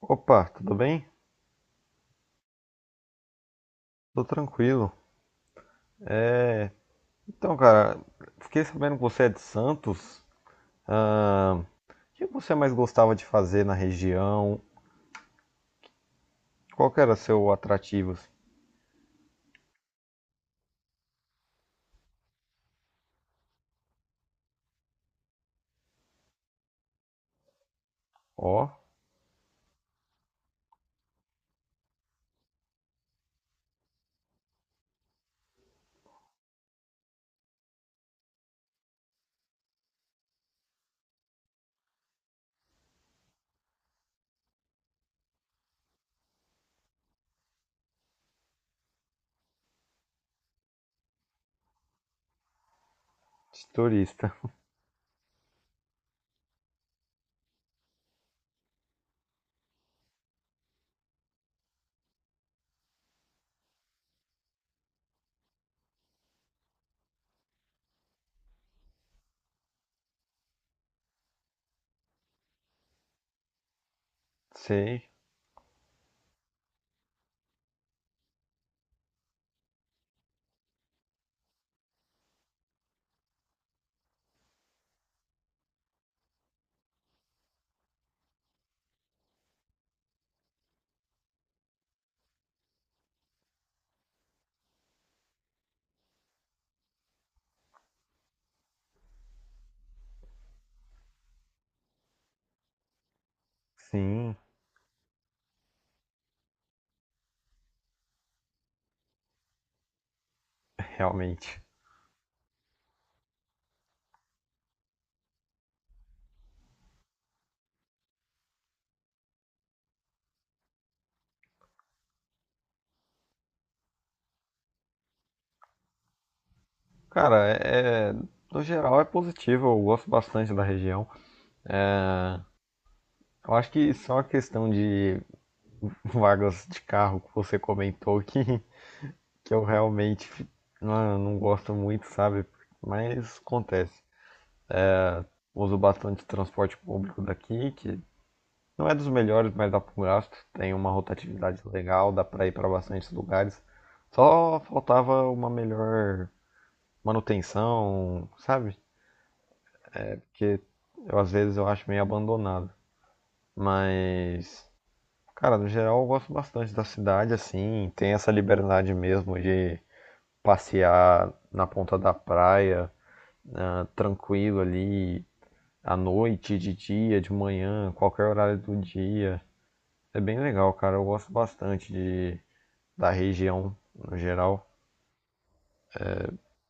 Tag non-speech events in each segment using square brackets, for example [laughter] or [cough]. Opa, tudo bem? Tô tranquilo. Então, cara, fiquei sabendo que você é de Santos. O que você mais gostava de fazer na região? Qual que era seu atrativo, assim? Ó, de turista. Sei, sim, [laughs] realmente. Cara, no geral é positivo, eu gosto bastante da região. Eu acho que só a questão de [laughs] vagas de carro que você comentou, que, [laughs] que eu realmente não gosto muito, sabe? Mas acontece. Uso bastante transporte público daqui, que não é dos melhores, mas dá para um gasto. Tem uma rotatividade legal, dá para ir para bastantes lugares. Só faltava uma melhor manutenção, sabe? Porque eu, às vezes eu acho meio abandonado. Mas, cara, no geral eu gosto bastante da cidade, assim. Tem essa liberdade mesmo de passear na ponta da praia, ah, tranquilo ali, à noite, de dia, de manhã, qualquer horário do dia. É bem legal, cara. Eu gosto bastante de, da região no geral,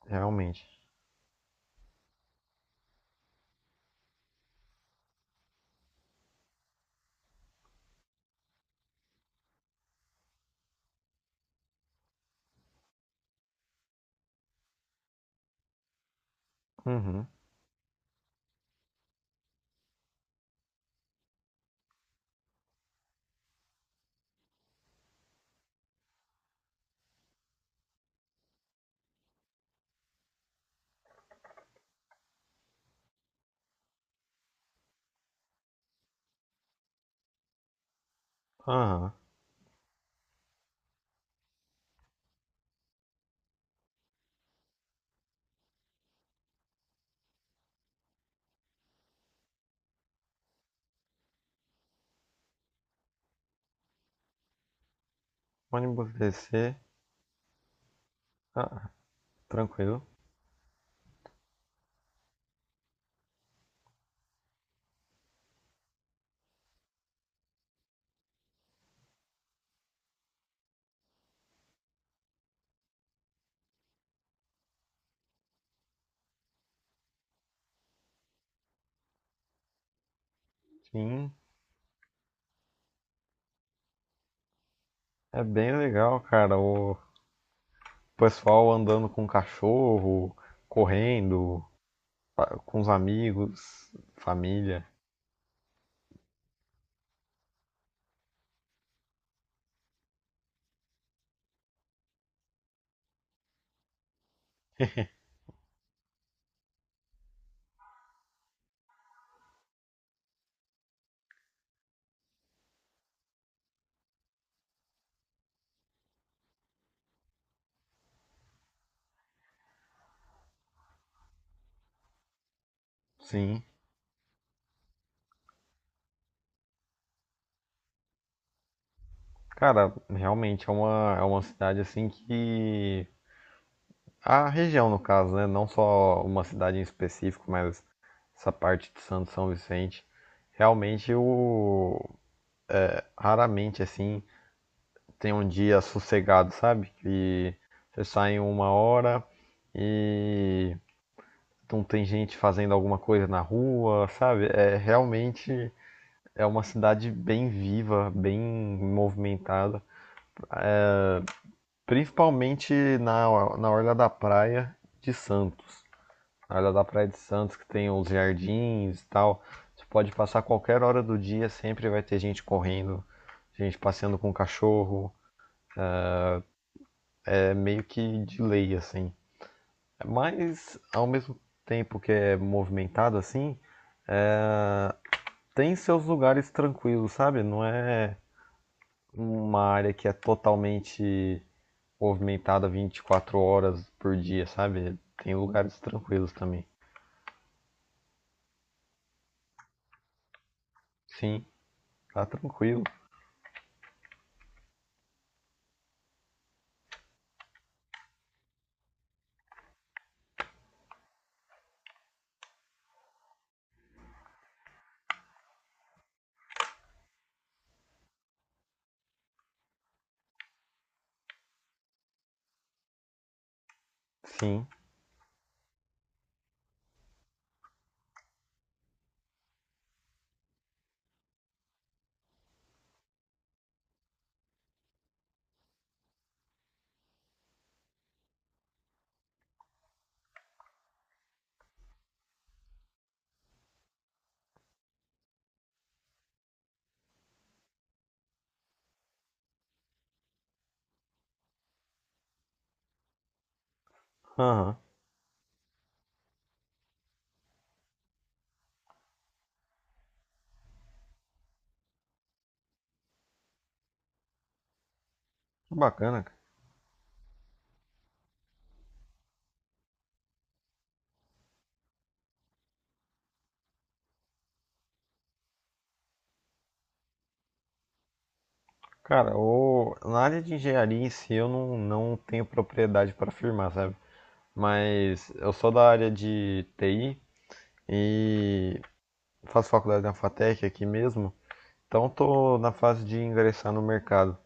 realmente. Uhum. Aham. Ônibus DC. Ah, tranquilo. Sim. É bem legal, cara. O pessoal andando com cachorro, correndo, ah, com os amigos, família. Sim. Cara, realmente é uma cidade assim que. A região, no caso, né? Não só uma cidade em específico, mas essa parte de Santo São Vicente. Realmente eu raramente assim tem um dia sossegado, sabe? Que você sai uma hora e não tem gente fazendo alguma coisa na rua, sabe? É realmente uma cidade bem viva, bem movimentada, principalmente na, na orla da praia de Santos. Na hora da Praia de Santos, que tem os jardins e tal. Você pode passar qualquer hora do dia, sempre vai ter gente correndo, gente passeando com o cachorro. É meio que de lei, assim. Mas, ao mesmo tempo que é movimentado assim, tem seus lugares tranquilos, sabe? Não é uma área que é totalmente movimentada 24 horas por dia, sabe? Tem lugares tranquilos também. Sim, tá tranquilo. Sim. Aham. Que bacana, cara. Cara, o... na área de engenharia em si eu não tenho propriedade para afirmar, sabe? Mas eu sou da área de TI e faço faculdade na FATEC aqui mesmo, então tô na fase de ingressar no mercado.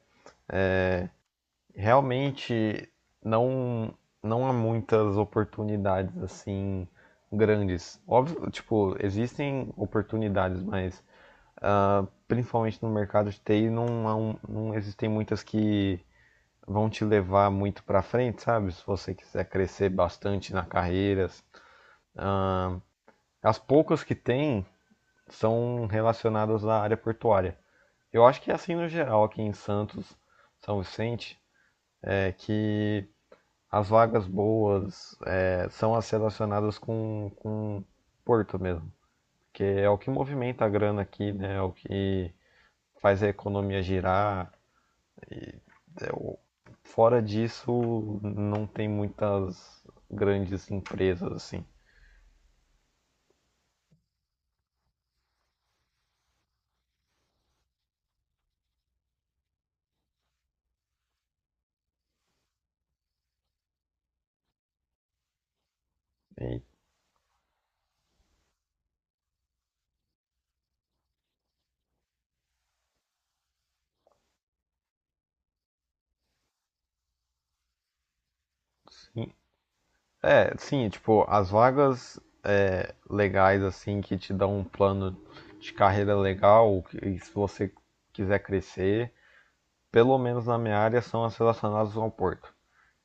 Realmente não, não há muitas oportunidades assim grandes. Óbvio, tipo, existem oportunidades, mas ah, principalmente no mercado de TI não, não existem muitas que vão te levar muito para frente, sabe? Se você quiser crescer bastante na carreira. Ah, as poucas que tem são relacionadas à área portuária. Eu acho que é assim no geral aqui em Santos, São Vicente, é que as vagas boas é, são as relacionadas com Porto mesmo. Que é o que movimenta a grana aqui, né? É o que faz a economia girar, é. Fora disso, não tem muitas grandes empresas assim. E, sim, é, sim, tipo, as vagas é, legais assim que te dão um plano de carreira legal, e se você quiser crescer, pelo menos na minha área são as relacionadas ao porto.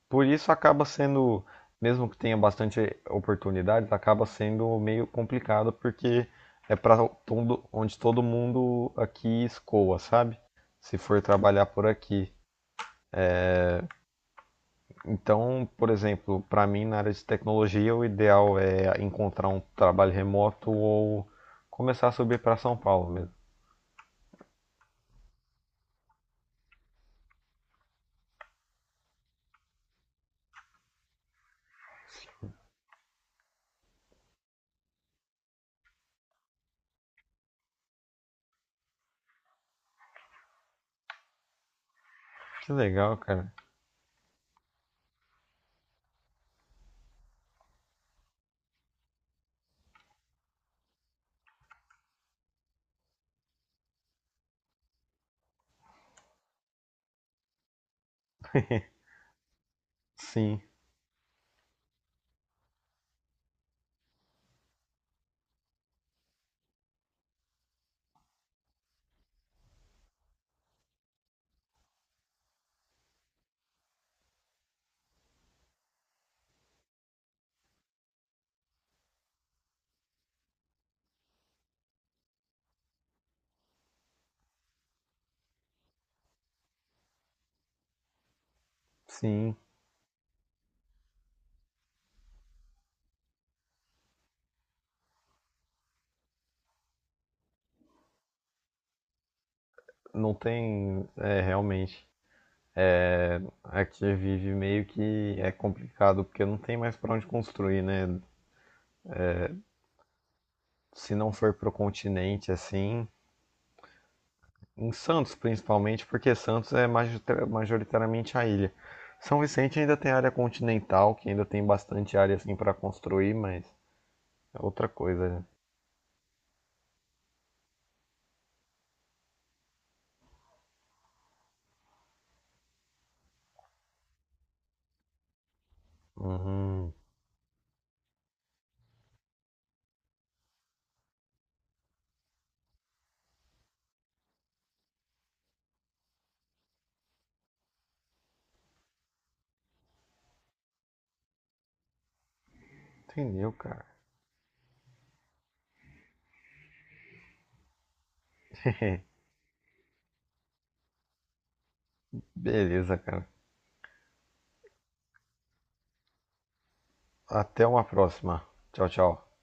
Por isso acaba sendo, mesmo que tenha bastante oportunidades, acaba sendo meio complicado porque é para todo, onde todo mundo aqui escoa, sabe? Se for trabalhar por aqui. Então, por exemplo, para mim na área de tecnologia, o ideal é encontrar um trabalho remoto ou começar a subir para São Paulo mesmo. Que legal, cara. Sim, sim. Não tem, é, realmente. A vive meio que é complicado, porque não tem mais para onde construir, né? Se não for pro continente, assim. Em Santos, principalmente, porque Santos é majoritariamente a ilha. São Vicente ainda tem área continental, que ainda tem bastante área, assim, para construir, mas é outra coisa, né? Uhum. Entendeu, cara? [laughs] Beleza, cara. Até uma próxima. Tchau, tchau.